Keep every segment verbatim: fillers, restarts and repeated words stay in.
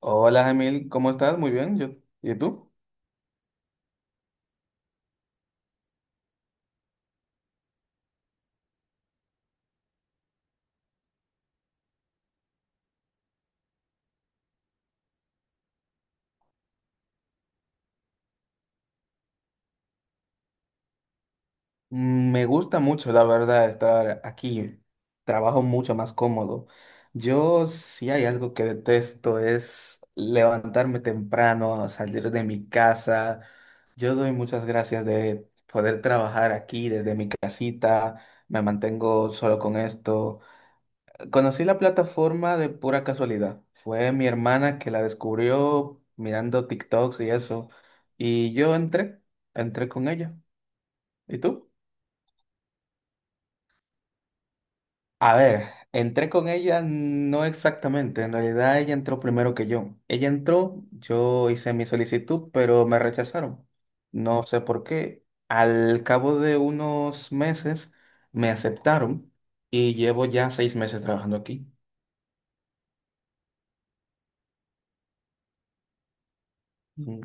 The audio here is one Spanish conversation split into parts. Hola, Emil, ¿cómo estás? Muy bien, yo. ¿Y tú? Mm, Me gusta mucho, la verdad, estar aquí. Trabajo mucho más cómodo. Yo, si hay algo que detesto, es levantarme temprano, salir de mi casa. Yo doy muchas gracias de poder trabajar aquí desde mi casita. Me mantengo solo con esto. Conocí la plataforma de pura casualidad. Fue mi hermana que la descubrió mirando TikToks y eso. Y yo entré, entré con ella. ¿Y tú? A ver, entré con ella no exactamente. En realidad ella entró primero que yo. Ella entró, yo hice mi solicitud, pero me rechazaron. No sé por qué. Al cabo de unos meses me aceptaron y llevo ya seis meses trabajando aquí. Mm.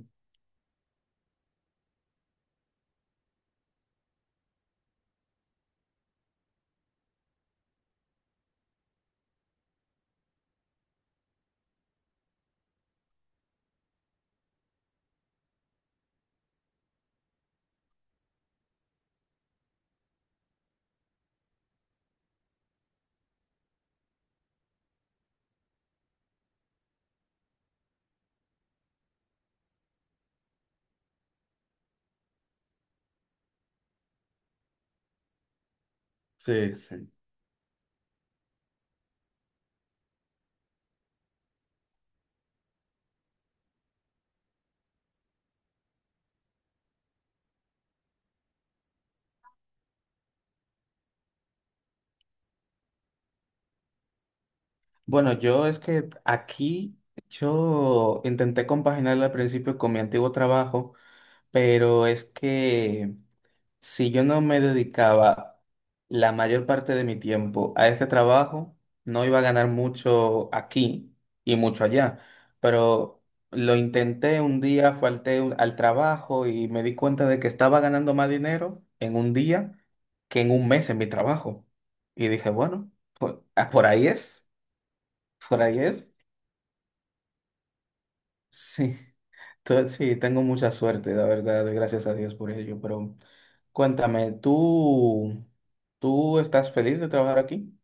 Sí, sí. Bueno, yo es que aquí yo intenté compaginarlo al principio con mi antiguo trabajo, pero es que si yo no me dedicaba la mayor parte de mi tiempo a este trabajo, no iba a ganar mucho aquí y mucho allá. Pero lo intenté un día, falté un- al trabajo y me di cuenta de que estaba ganando más dinero en un día que en un mes en mi trabajo. Y dije, bueno, por ah, por ahí es, por ahí es. Sí, to- sí, tengo mucha suerte, la verdad, doy gracias a Dios por ello, pero cuéntame, ¿tú, tú estás feliz de trabajar aquí?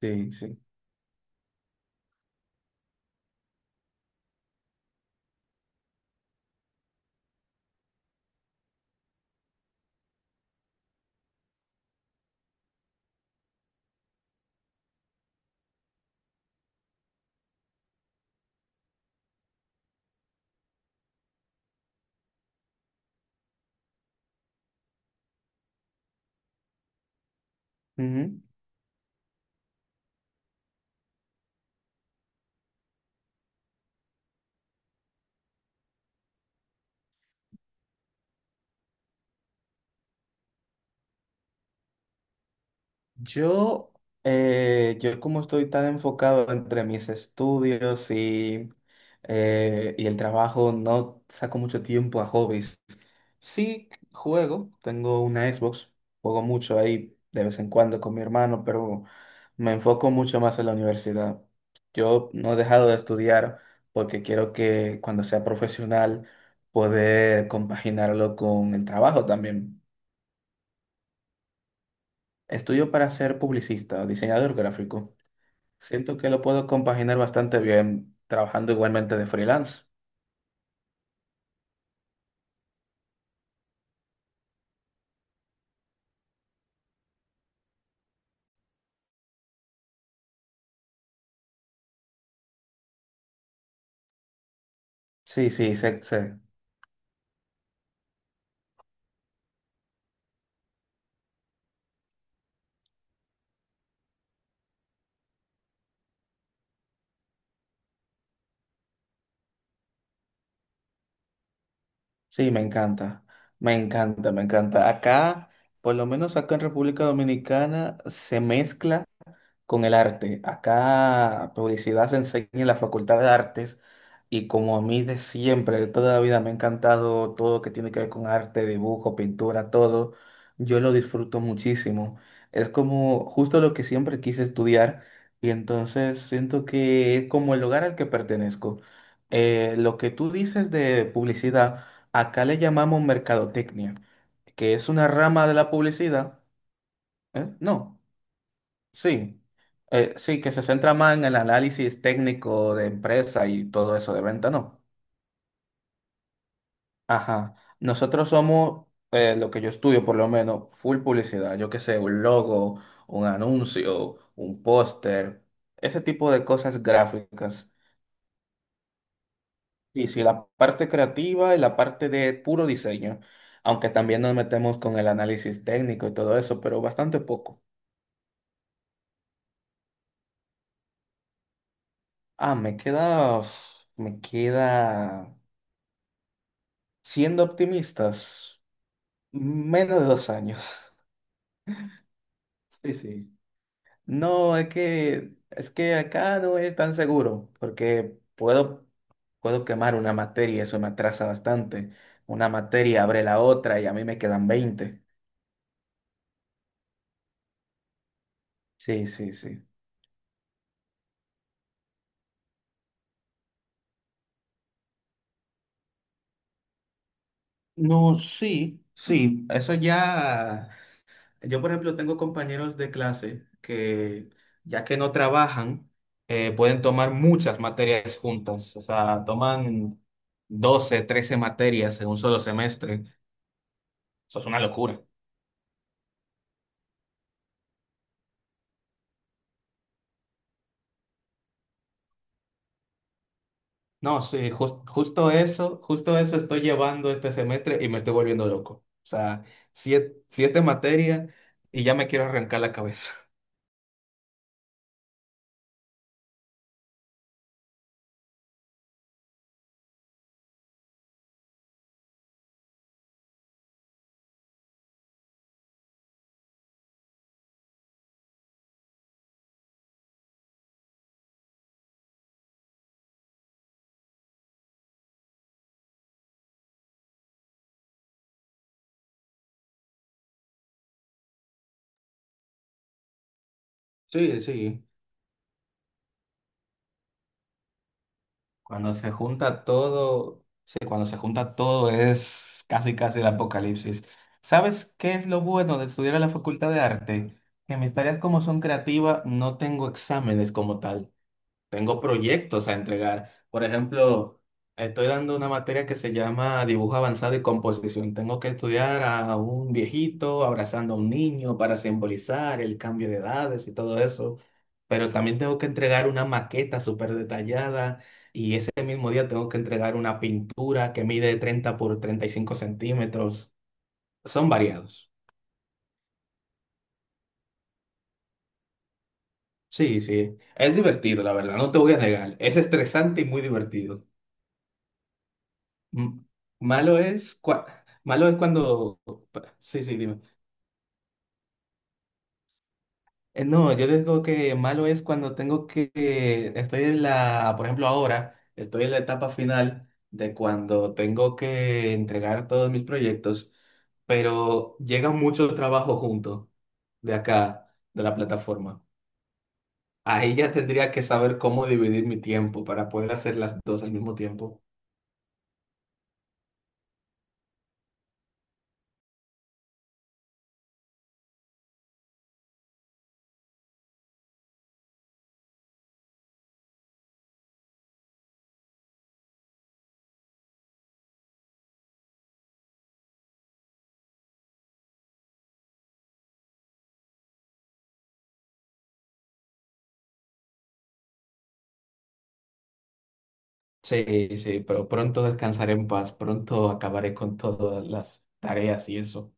Sí, sí. Ujú. Yo, eh, yo como estoy tan enfocado entre mis estudios y, eh, y el trabajo, no saco mucho tiempo a hobbies. Sí, juego, tengo una Xbox, juego mucho ahí de vez en cuando con mi hermano, pero me enfoco mucho más en la universidad. Yo no he dejado de estudiar porque quiero que cuando sea profesional poder compaginarlo con el trabajo también. Estudio para ser publicista, diseñador gráfico. Siento que lo puedo compaginar bastante bien trabajando igualmente de freelance. Sí, sí, sé, sé. Sí, me encanta, me encanta, me encanta. Acá, por lo menos acá en República Dominicana, se mezcla con el arte. Acá publicidad se enseña en la Facultad de Artes y como a mí de siempre, de toda la vida me ha encantado todo lo que tiene que ver con arte, dibujo, pintura, todo, yo lo disfruto muchísimo. Es como justo lo que siempre quise estudiar y entonces siento que es como el lugar al que pertenezco. Eh, lo que tú dices de publicidad, acá le llamamos mercadotecnia, que es una rama de la publicidad. ¿Eh? No. Sí, eh, sí, que se centra más en el análisis técnico de empresa y todo eso de venta, ¿no? Ajá. Nosotros somos, eh, lo que yo estudio por lo menos, full publicidad. Yo qué sé, un logo, un anuncio, un póster, ese tipo de cosas gráficas. Y sí, la parte creativa y la parte de puro diseño, aunque también nos metemos con el análisis técnico y todo eso, pero bastante poco. Ah, me queda, me queda siendo optimistas. Menos de dos años. Sí, sí. No, es que, es que acá no es tan seguro, porque puedo, puedo quemar una materia, eso me atrasa bastante. Una materia abre la otra y a mí me quedan veinte. Sí, sí, sí. No, sí, sí, eso ya. Yo, por ejemplo, tengo compañeros de clase que, ya que no trabajan, eh, pueden tomar muchas materias juntas. O sea, toman doce trece materias en un solo semestre. Eso es una locura. No, sí, jus- justo eso, justo eso estoy llevando este semestre y me estoy volviendo loco. O sea, siete, siete materias y ya me quiero arrancar la cabeza. Sí, sí. Cuando se junta todo, sí, cuando se junta todo es casi, casi el apocalipsis. ¿Sabes qué es lo bueno de estudiar en la Facultad de Arte? Que mis tareas como son creativas, no tengo exámenes como tal. Tengo proyectos a entregar. Por ejemplo, estoy dando una materia que se llama dibujo avanzado y composición. Tengo que estudiar a un viejito abrazando a un niño para simbolizar el cambio de edades y todo eso. Pero también tengo que entregar una maqueta súper detallada y ese mismo día tengo que entregar una pintura que mide treinta por treinta y cinco centímetros. Son variados. Sí, sí. Es divertido, la verdad. No te voy a negar. Es estresante y muy divertido. M- Malo es, cua- malo es cuando... Sí, sí, dime. Eh, no, yo digo que malo es cuando tengo que... Estoy en la, por ejemplo, ahora, estoy en la etapa final de cuando tengo que entregar todos mis proyectos, pero llega mucho trabajo junto de acá, de la plataforma. Ahí ya tendría que saber cómo dividir mi tiempo para poder hacer las dos al mismo tiempo. Sí, sí, pero pronto descansaré en paz, pronto acabaré con todas las tareas y eso.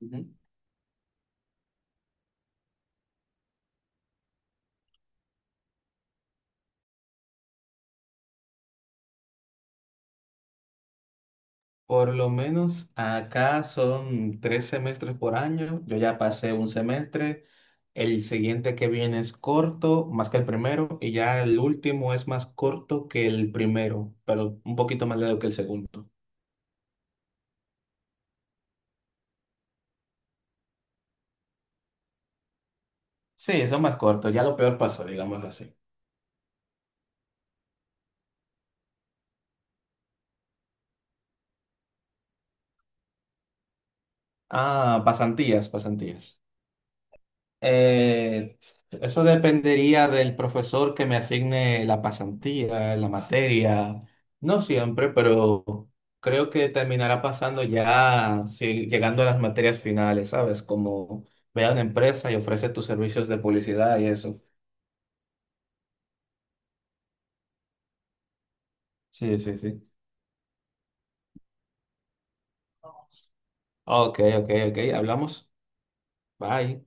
Ujú. Por lo menos acá son tres semestres por año, yo ya pasé un semestre, el siguiente que viene es corto, más que el primero, y ya el último es más corto que el primero, pero un poquito más largo que el segundo. Sí, son más cortos, ya lo peor pasó, digámoslo así. Ah, pasantías, pasantías. Eh, Eso dependería del profesor que me asigne la pasantía, la materia. No siempre, pero creo que terminará pasando ya sí, llegando a las materias finales, ¿sabes? Como ve a una empresa y ofrece tus servicios de publicidad y eso. Sí, sí, sí. Ok, ok, ok. Hablamos. Bye.